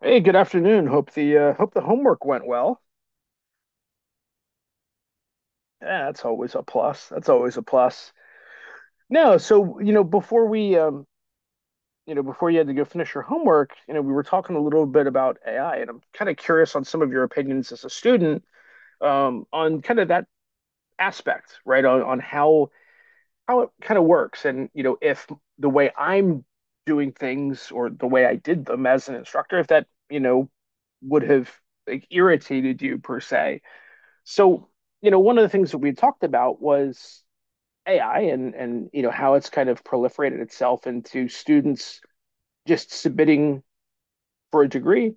Hey, good afternoon. Hope the homework went well. Yeah, that's always a plus. That's always a plus. No, so you know, before we you know, before you had to go finish your homework, you know, we were talking a little bit about AI, and I'm kind of curious on some of your opinions as a student on kind of that aspect, right? On how it kind of works, and you know, if the way I'm doing things or the way I did them as an instructor, if that, you know, would have like irritated you per se. So, you know, one of the things that we talked about was AI, and you know how it's kind of proliferated itself into students just submitting for a degree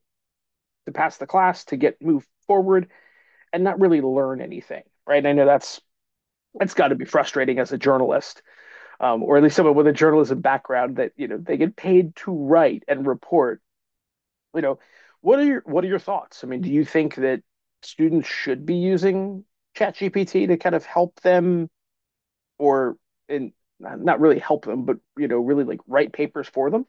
to pass the class to get moved forward and not really learn anything, right? And I know that's got to be frustrating as a journalist, or at least someone with a journalism background that you know they get paid to write and report. You know, what are your thoughts? I mean, do you think that students should be using ChatGPT to kind of help them? Or and Not really help them, but you know, really like write papers for them.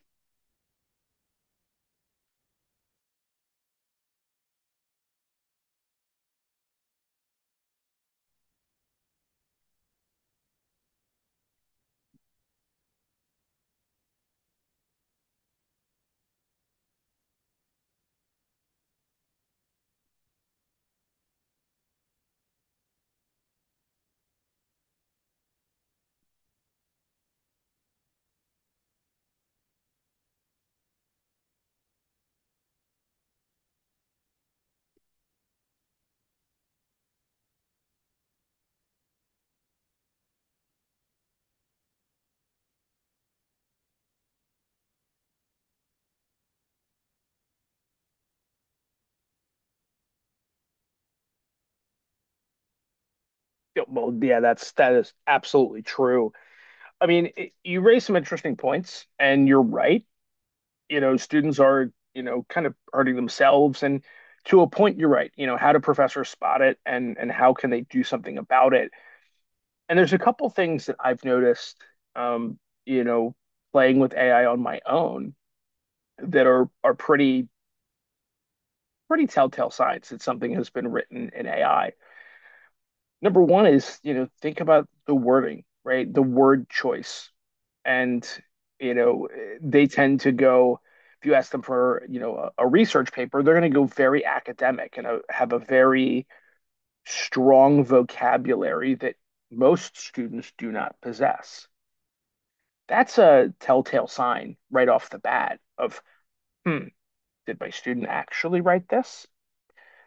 Yeah. Well, yeah, that is absolutely true. I mean, it, you raise some interesting points, and you're right. You know, students are you know kind of hurting themselves, and to a point, you're right. You know, how do professors spot it, and how can they do something about it? And there's a couple things that I've noticed, um, you know, playing with AI on my own that are pretty pretty telltale signs that something has been written in AI. Number one is, you know, think about the wording, right? The word choice. And, you know, they tend to go, if you ask them for, you know, a research paper, they're going to go very academic and have a very strong vocabulary that most students do not possess. That's a telltale sign right off the bat of, hmm, did my student actually write this?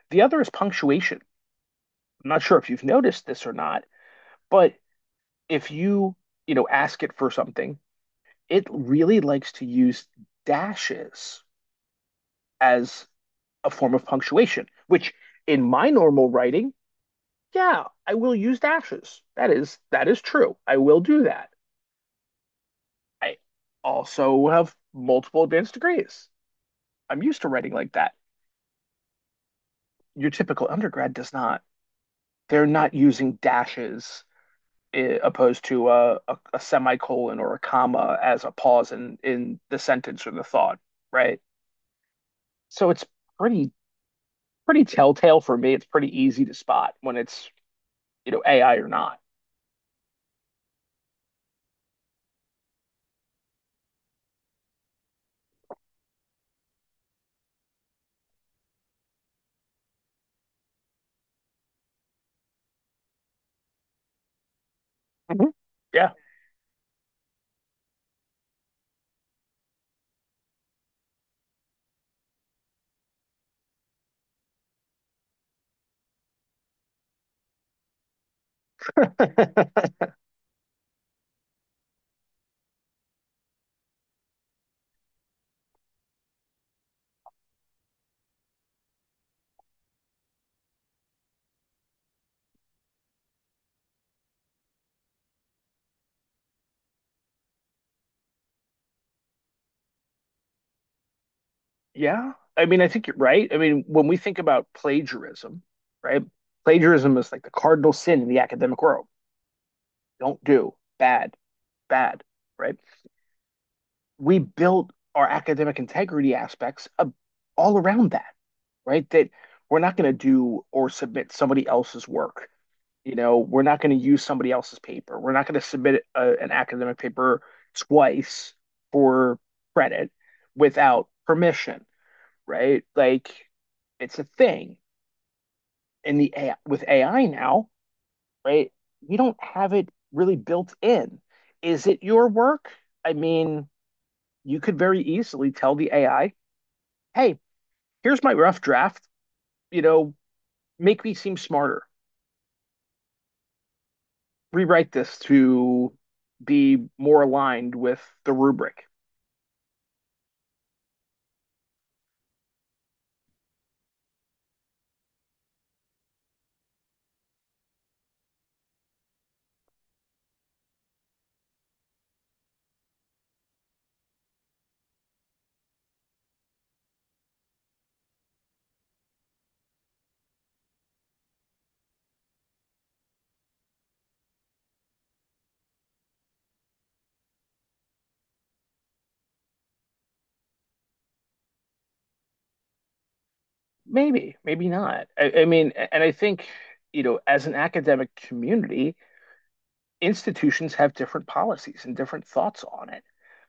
The other is punctuation. I'm not sure if you've noticed this or not, but if you, you know, ask it for something, it really likes to use dashes as a form of punctuation, which in my normal writing, yeah, I will use dashes. That is true. I will do that. I also have multiple advanced degrees. I'm used to writing like that. Your typical undergrad does not. They're not using dashes opposed to a semicolon or a comma as a pause in the sentence or the thought, right? So it's pretty pretty telltale for me. It's pretty easy to spot when it's, you know, AI or not. Mhm. Yeah. Yeah. I mean, I think you're right. I mean, when we think about plagiarism, right? Plagiarism is like the cardinal sin in the academic world. Don't do bad, bad, right? We built our academic integrity all around that, right? That we're not going to do or submit somebody else's work. You know, we're not going to use somebody else's paper. We're not going to submit an academic paper twice for credit without permission, right? Like it's a thing with AI now, right? You don't have it really built in. Is it your work? I mean, you could very easily tell the AI, "Hey, here's my rough draft. You know, make me seem smarter. Rewrite this to be more aligned with the rubric." Maybe, maybe not. I mean, and I think, you know, as an academic community, institutions have different policies and different thoughts on it.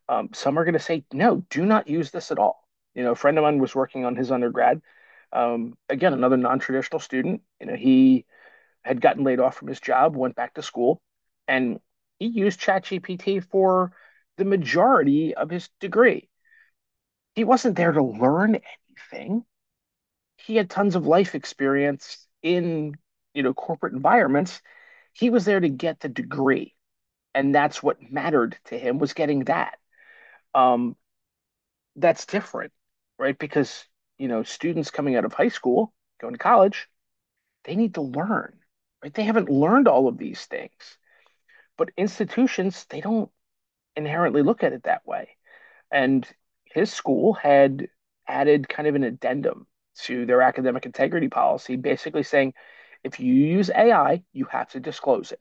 Some are going to say, no, do not use this at all. You know, a friend of mine was working on his undergrad. Again, another non-traditional student. You know, he had gotten laid off from his job, went back to school, and he used ChatGPT for the majority of his degree. He wasn't there to learn anything. He had tons of life experience in, you know, corporate environments. He was there to get the degree, and that's what mattered to him was getting that. Um, that's different, right? Because, you know, students coming out of high school, going to college, they need to learn, right? They haven't learned all of these things, but institutions, they don't inherently look at it that way. And his school had added kind of an addendum to their academic integrity policy, basically saying if you use AI, you have to disclose it.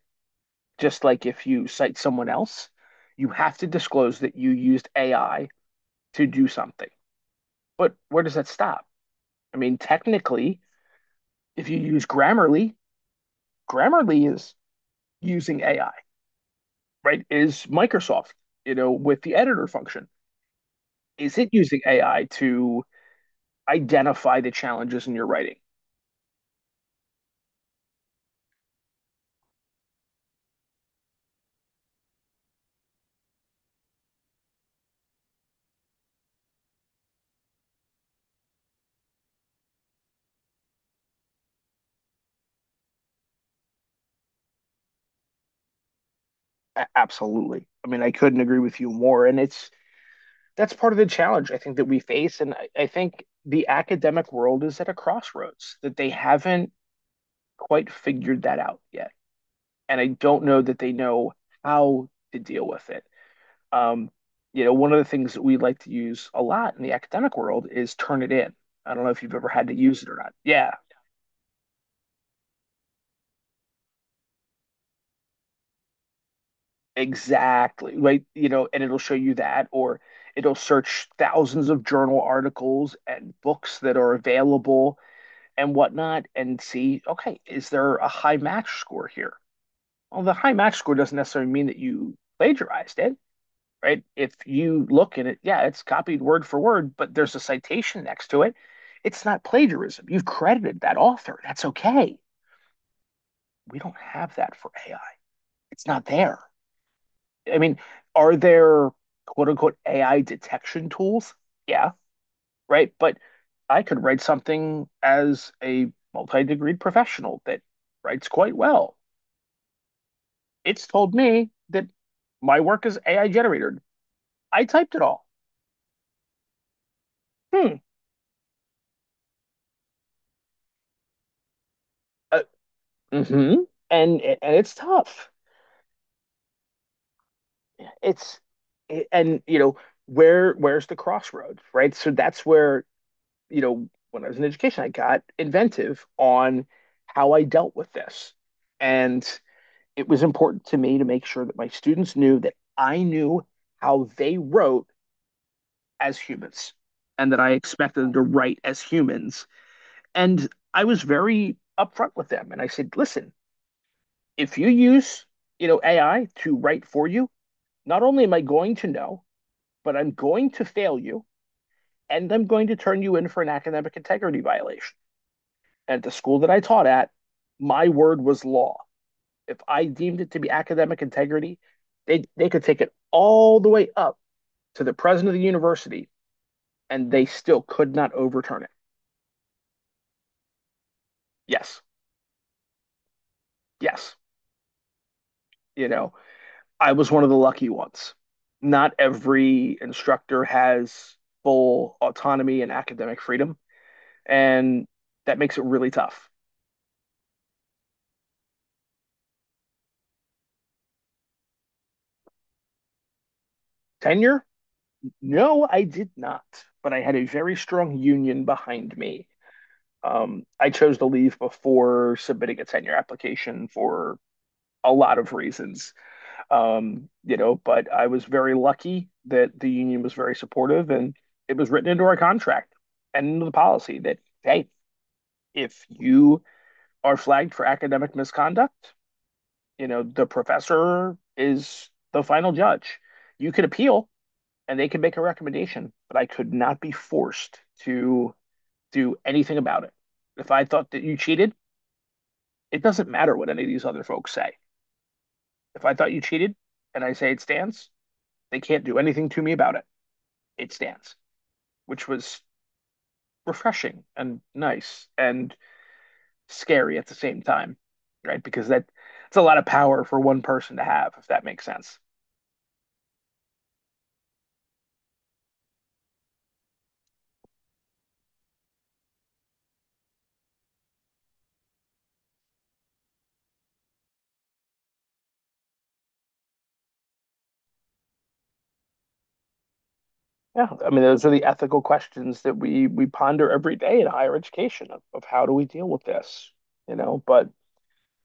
Just like if you cite someone else, you have to disclose that you used AI to do something. But where does that stop? I mean, technically, if you use Grammarly, Grammarly is using AI, right? Is Microsoft, you know, with the editor function, is it using AI to identify the challenges in your writing? A- absolutely. I mean, I couldn't agree with you more. And it's that's part of the challenge I think that we face. And I think the academic world is at a crossroads that they haven't quite figured that out yet. And I don't know that they know how to deal with it. Um, you know, one of the things that we like to use a lot in the academic world is Turnitin. I don't know if you've ever had to use it or not. Yeah, exactly. Right, you know, and it'll show you that, or it'll search thousands of journal articles and books that are available and whatnot and see, okay, is there a high match score here? Well, the high match score doesn't necessarily mean that you plagiarized it, right? If you look at it, yeah, it's copied word for word, but there's a citation next to it. It's not plagiarism. You've credited that author. That's okay. We don't have that for AI. It's not there. I mean, are there quote unquote AI detection tools? Yeah, right. But I could write something as a multi-degreed professional that writes quite well. It's told me that my work is AI generated. I typed it all. Hmm. Uh, hmm and it's tough. It's And you know where where's the crossroads, right? So that's where you know when I was in education, I got inventive on how I dealt with this, and it was important to me to make sure that my students knew that I knew how they wrote as humans, and that I expected them to write as humans. And I was very upfront with them, and I said, listen, if you use you know AI to write for you, not only am I going to know, but I'm going to fail you and I'm going to turn you in for an academic integrity violation. And at the school that I taught at, my word was law. If I deemed it to be academic integrity, they could take it all the way up to the president of the university and they still could not overturn it. Yes, yes. You know, I was one of the lucky ones. Not every instructor has full autonomy and academic freedom, and that makes it really tough. Tenure? No, I did not. But I had a very strong union behind me. I chose to leave before submitting a tenure application for a lot of reasons, you know. But I was very lucky that the union was very supportive, and it was written into our contract and into the policy that hey, if you are flagged for academic misconduct, you know the professor is the final judge. You could appeal, and they could make a recommendation, but I could not be forced to do anything about it. If I thought that you cheated, it doesn't matter what any of these other folks say. If I thought you cheated and I say it stands, they can't do anything to me about it. It stands, which was refreshing and nice and scary at the same time, right? Because that it's a lot of power for one person to have, if that makes sense. Yeah, I mean, those are the ethical questions that we ponder every day in higher education of how do we deal with this, you know? But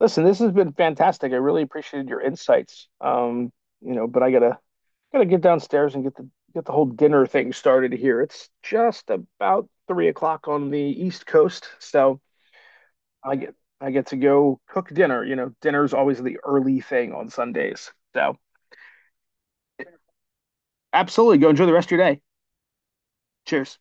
listen, this has been fantastic. I really appreciated your insights. You know, but I gotta gotta get downstairs and get the whole dinner thing started here. It's just about 3 o'clock on the East Coast, so I get to go cook dinner. You know, dinner's always the early thing on Sundays. So absolutely, go enjoy the rest of your day. Cheers.